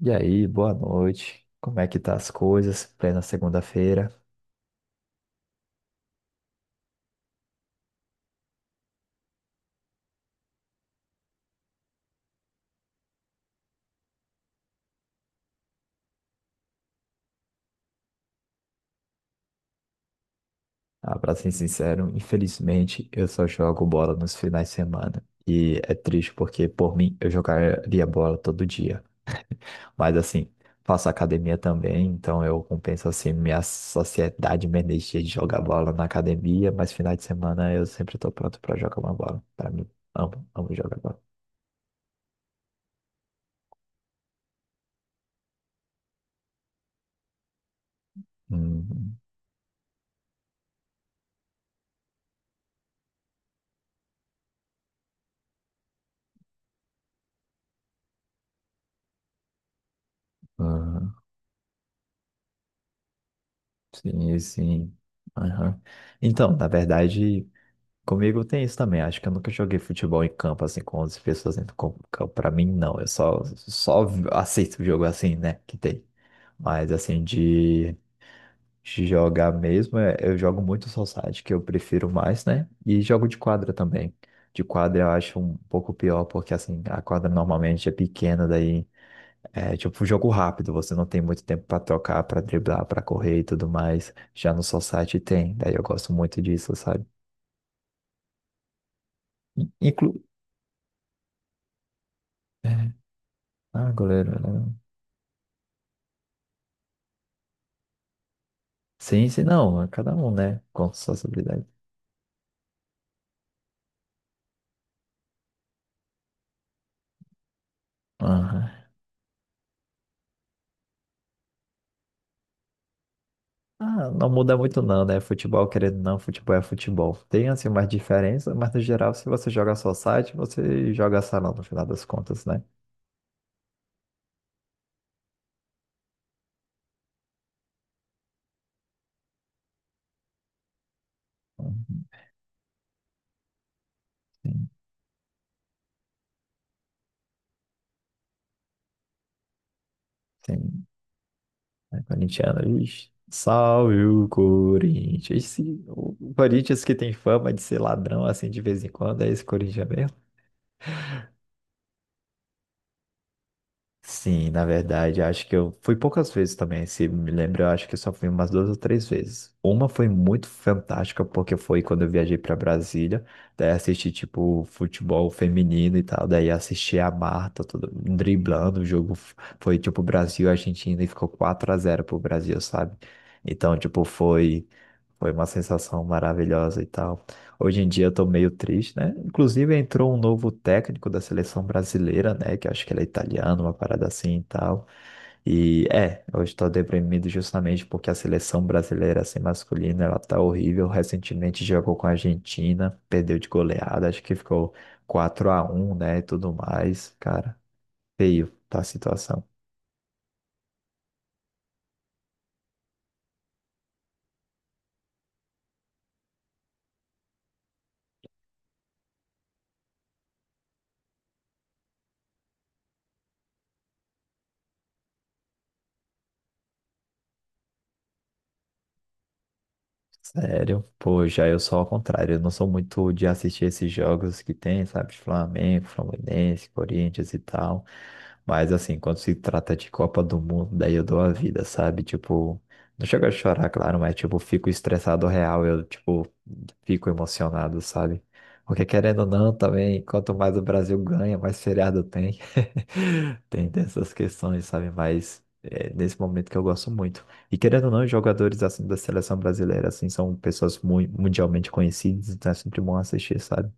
E aí, boa noite. Como é que tá as coisas? Plena segunda-feira. Ah, pra ser sincero, infelizmente eu só jogo bola nos finais de semana. E é triste porque, por mim, eu jogaria bola todo dia. Mas assim, faço academia também, então eu compenso assim minha sociedade, minha energia de jogar bola na academia, mas finais de semana eu sempre tô pronto pra jogar uma bola. Pra mim, amo, amo jogar bola. Uhum. Uhum. Sim, sim. Aham. Então, na verdade, comigo tem isso também. Acho que eu nunca joguei futebol em campo assim com 11 pessoas dentro do campo. Pra mim, não. Eu só aceito jogo assim, né? Que tem. Mas assim, de jogar mesmo, eu jogo muito society, que eu prefiro mais, né? E jogo de quadra também. De quadra eu acho um pouco pior, porque assim, a quadra normalmente é pequena, daí é tipo um jogo rápido, você não tem muito tempo pra trocar, pra driblar, pra correr e tudo mais. Já no society tem, daí eu gosto muito disso, sabe? In- Inclu... Ah, goleiro, né? Sim, sim, não. É cada um, né? Com suas habilidades. Aham. Ah, não muda muito não, né? Futebol, querendo ou não, futebol é futebol. Tem, assim, umas diferenças, mas no geral, se você joga só site, você joga salão, no final das contas, né? Uhum. Sim, sim. É corintiano, ixi. Salve o Corinthians. O Corinthians que tem fama de ser ladrão, assim, de vez em quando, é esse Corinthians mesmo? Sim, na verdade, acho que eu fui poucas vezes também, se me lembro, eu acho que eu só fui umas duas ou três vezes. Uma foi muito fantástica, porque foi quando eu viajei para Brasília, daí assisti, tipo, futebol feminino e tal, daí assisti a Marta tudo, driblando, o foi, tipo, Brasil-Argentina e Argentina, e ficou 4 a zero pro Brasil, sabe? Então, tipo, foi. Foi uma sensação maravilhosa e tal. Hoje em dia eu tô meio triste, né? Inclusive entrou um novo técnico da seleção brasileira, né? Que eu acho que ele é italiano, uma parada assim e tal. E é, eu estou deprimido justamente porque a seleção brasileira, assim, masculina, ela tá horrível. Recentemente jogou com a Argentina, perdeu de goleada, acho que ficou 4 a um, né? E tudo mais. Cara, feio tá a situação. Sério, pô, já eu sou ao contrário, eu não sou muito de assistir esses jogos que tem, sabe, Flamengo, Fluminense, Corinthians e tal, mas assim, quando se trata de Copa do Mundo, daí eu dou a vida, sabe, tipo, não chego a chorar, claro, mas tipo, fico estressado real, eu tipo, fico emocionado, sabe, porque querendo ou não, também, quanto mais o Brasil ganha, mais feriado tem, tem dessas questões, sabe, mas é nesse momento que eu gosto muito. E querendo ou não, os jogadores assim da seleção brasileira assim são pessoas mundialmente conhecidas, então é sempre bom assistir, sabe?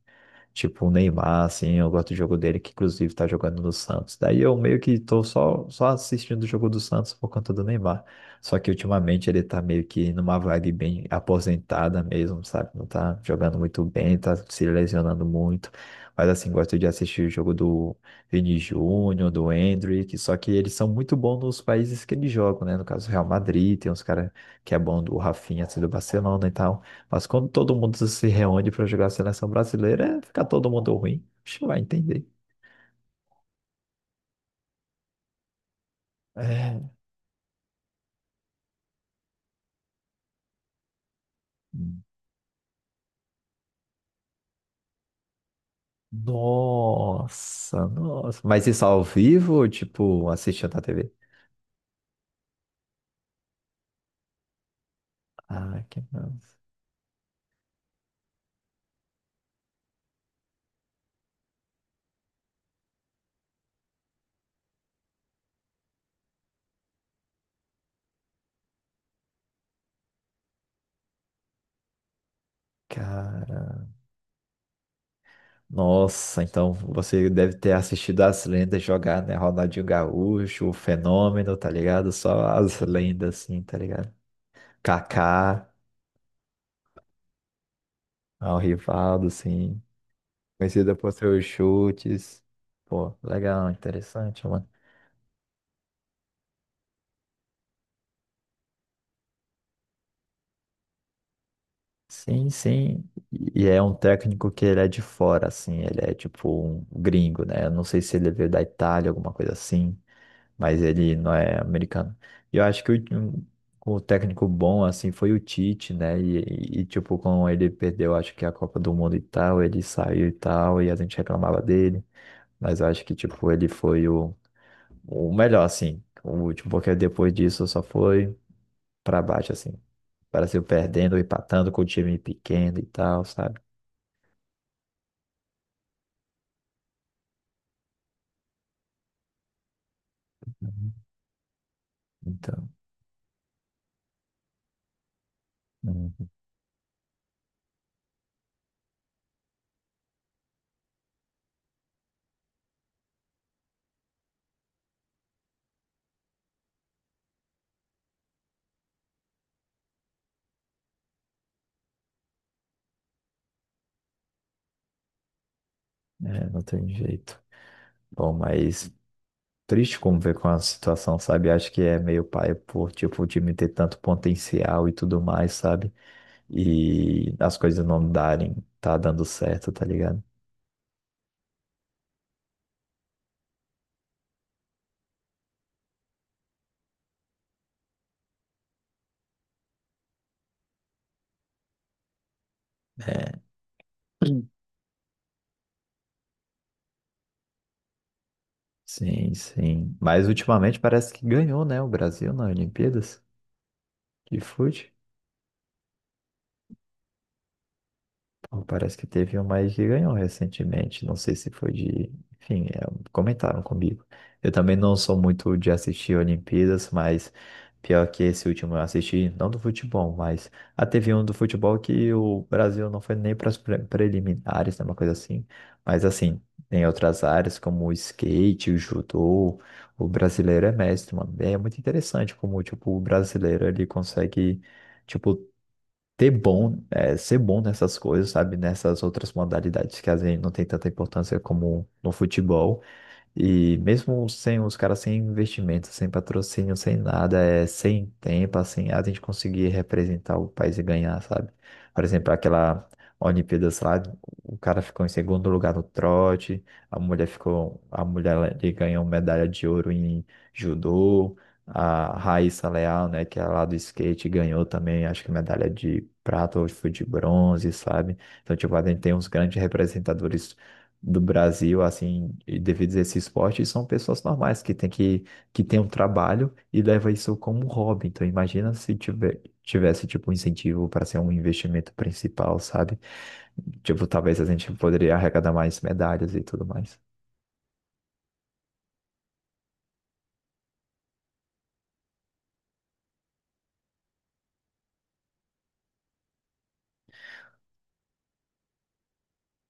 Tipo, o Neymar, assim, eu gosto do jogo dele, que inclusive tá jogando no Santos. Daí eu meio que tô só assistindo o jogo do Santos por conta do Neymar. Só que ultimamente ele tá meio que numa vibe bem aposentada mesmo, sabe? Não tá jogando muito bem, tá se lesionando muito. Mas assim, gosto de assistir o jogo do Vini Júnior, do Endrick, só que eles são muito bons nos países que eles jogam, né? No caso, Real Madrid, tem uns caras que é bom do Rafinha, assim, do Barcelona e tal. Mas quando todo mundo se reúne para jogar a seleção brasileira, fica todo mundo ruim. Acho que vai entender. É. Nossa, nossa. Mas isso ao vivo, ou, tipo, assistindo na TV? Ah, que massa. Cara. Nossa, então você deve ter assistido as lendas jogar, né? Ronaldinho Gaúcho, o Fenômeno, tá ligado? Só as lendas, assim, tá ligado? Kaká, ah, o Rivaldo, assim. Conhecida por seus chutes. Pô, legal, interessante. Sim, sim. E é um técnico que ele é de fora, assim, ele é tipo um gringo, né? Eu não sei se ele veio da Itália, alguma coisa assim, mas ele não é americano. E eu acho que o técnico bom, assim, foi o Tite, né? E tipo, quando ele perdeu, acho que a Copa do Mundo e tal, ele saiu e tal, e a gente reclamava dele, mas eu acho que, tipo, ele foi o melhor, assim. O último, porque depois disso só foi para baixo, assim. O Brasil perdendo, empatando com o time pequeno e tal, sabe? Então, uhum, é, não tem jeito. Bom, mas triste como ver com a situação, sabe? Acho que é meio paia por, tipo, o time ter tanto potencial e tudo mais, sabe? E as coisas não darem, tá dando certo, tá ligado? Sim, sim. Mas ultimamente parece que ganhou, né? O Brasil nas Olimpíadas de fute. Bom, parece que teve um mais que ganhou recentemente. Não sei se foi de. Enfim, é, comentaram comigo. Eu também não sou muito de assistir Olimpíadas, mas pior que esse último eu assisti, não do futebol, mas a teve um do futebol que o Brasil não foi nem para as preliminares, né, uma coisa assim. Mas assim, tem outras áreas como o skate, o judô, o brasileiro é mestre, mano. É muito interessante como, tipo, o brasileiro ele consegue. Tipo, ter bom, é, ser bom nessas coisas, sabe? Nessas outras modalidades que às vezes não tem tanta importância como no futebol. E mesmo sem os caras sem investimento, sem patrocínio, sem nada, é sem tempo, assim, a gente conseguir representar o país e ganhar, sabe? Por exemplo, aquela Olimpíadas lá, o cara ficou em segundo lugar no trote, a mulher ficou, a ele ganhou medalha de ouro em judô, a Raíssa Leal, né, que é lá do skate, ganhou também, acho que medalha de prata ou foi de bronze, sabe? Então, tipo, a gente tem uns grandes representadores do Brasil, assim, devido a esse esporte, são pessoas normais que tem um trabalho e leva isso como hobby. Então, imagina se tiver, tivesse, tipo, um incentivo para ser um investimento principal, sabe? Tipo, talvez a gente poderia arrecadar mais medalhas e tudo mais.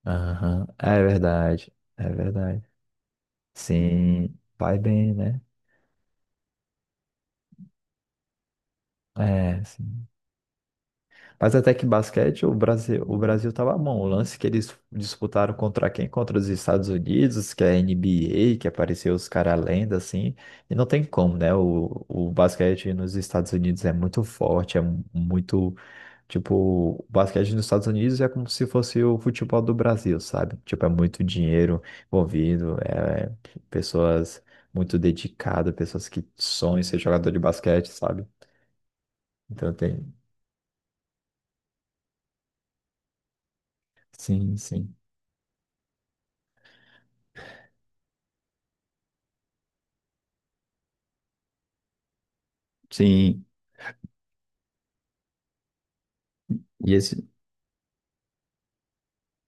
Aham, é verdade, é verdade. Sim, vai bem, né? É, sim. Mas até que basquete, o Brasil tava bom. O lance que eles disputaram contra quem? Contra os Estados Unidos, que é NBA, que apareceu os caras lenda, assim. E não tem como, né? O basquete nos Estados Unidos é muito forte, é muito. Tipo, o basquete nos Estados Unidos é como se fosse o futebol do Brasil, sabe? Tipo, é muito dinheiro envolvido, é pessoas muito dedicadas, pessoas que sonham em ser jogador de basquete, sabe? Então tem. Sim, sim. Sim, E esse,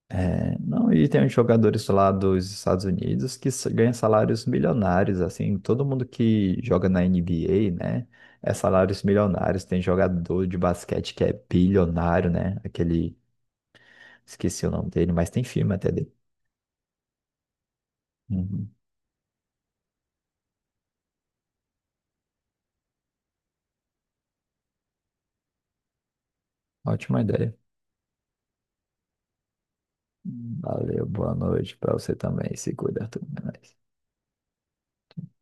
é, não, e tem uns jogadores lá dos Estados Unidos que ganham salários milionários, assim, todo mundo que joga na NBA, né, é salários milionários. Tem jogador de basquete que é bilionário, né, aquele, esqueci o nome dele, mas tem filme até dele. Uhum. Ótima ideia. Valeu, boa noite pra você também, se cuida, tudo mais.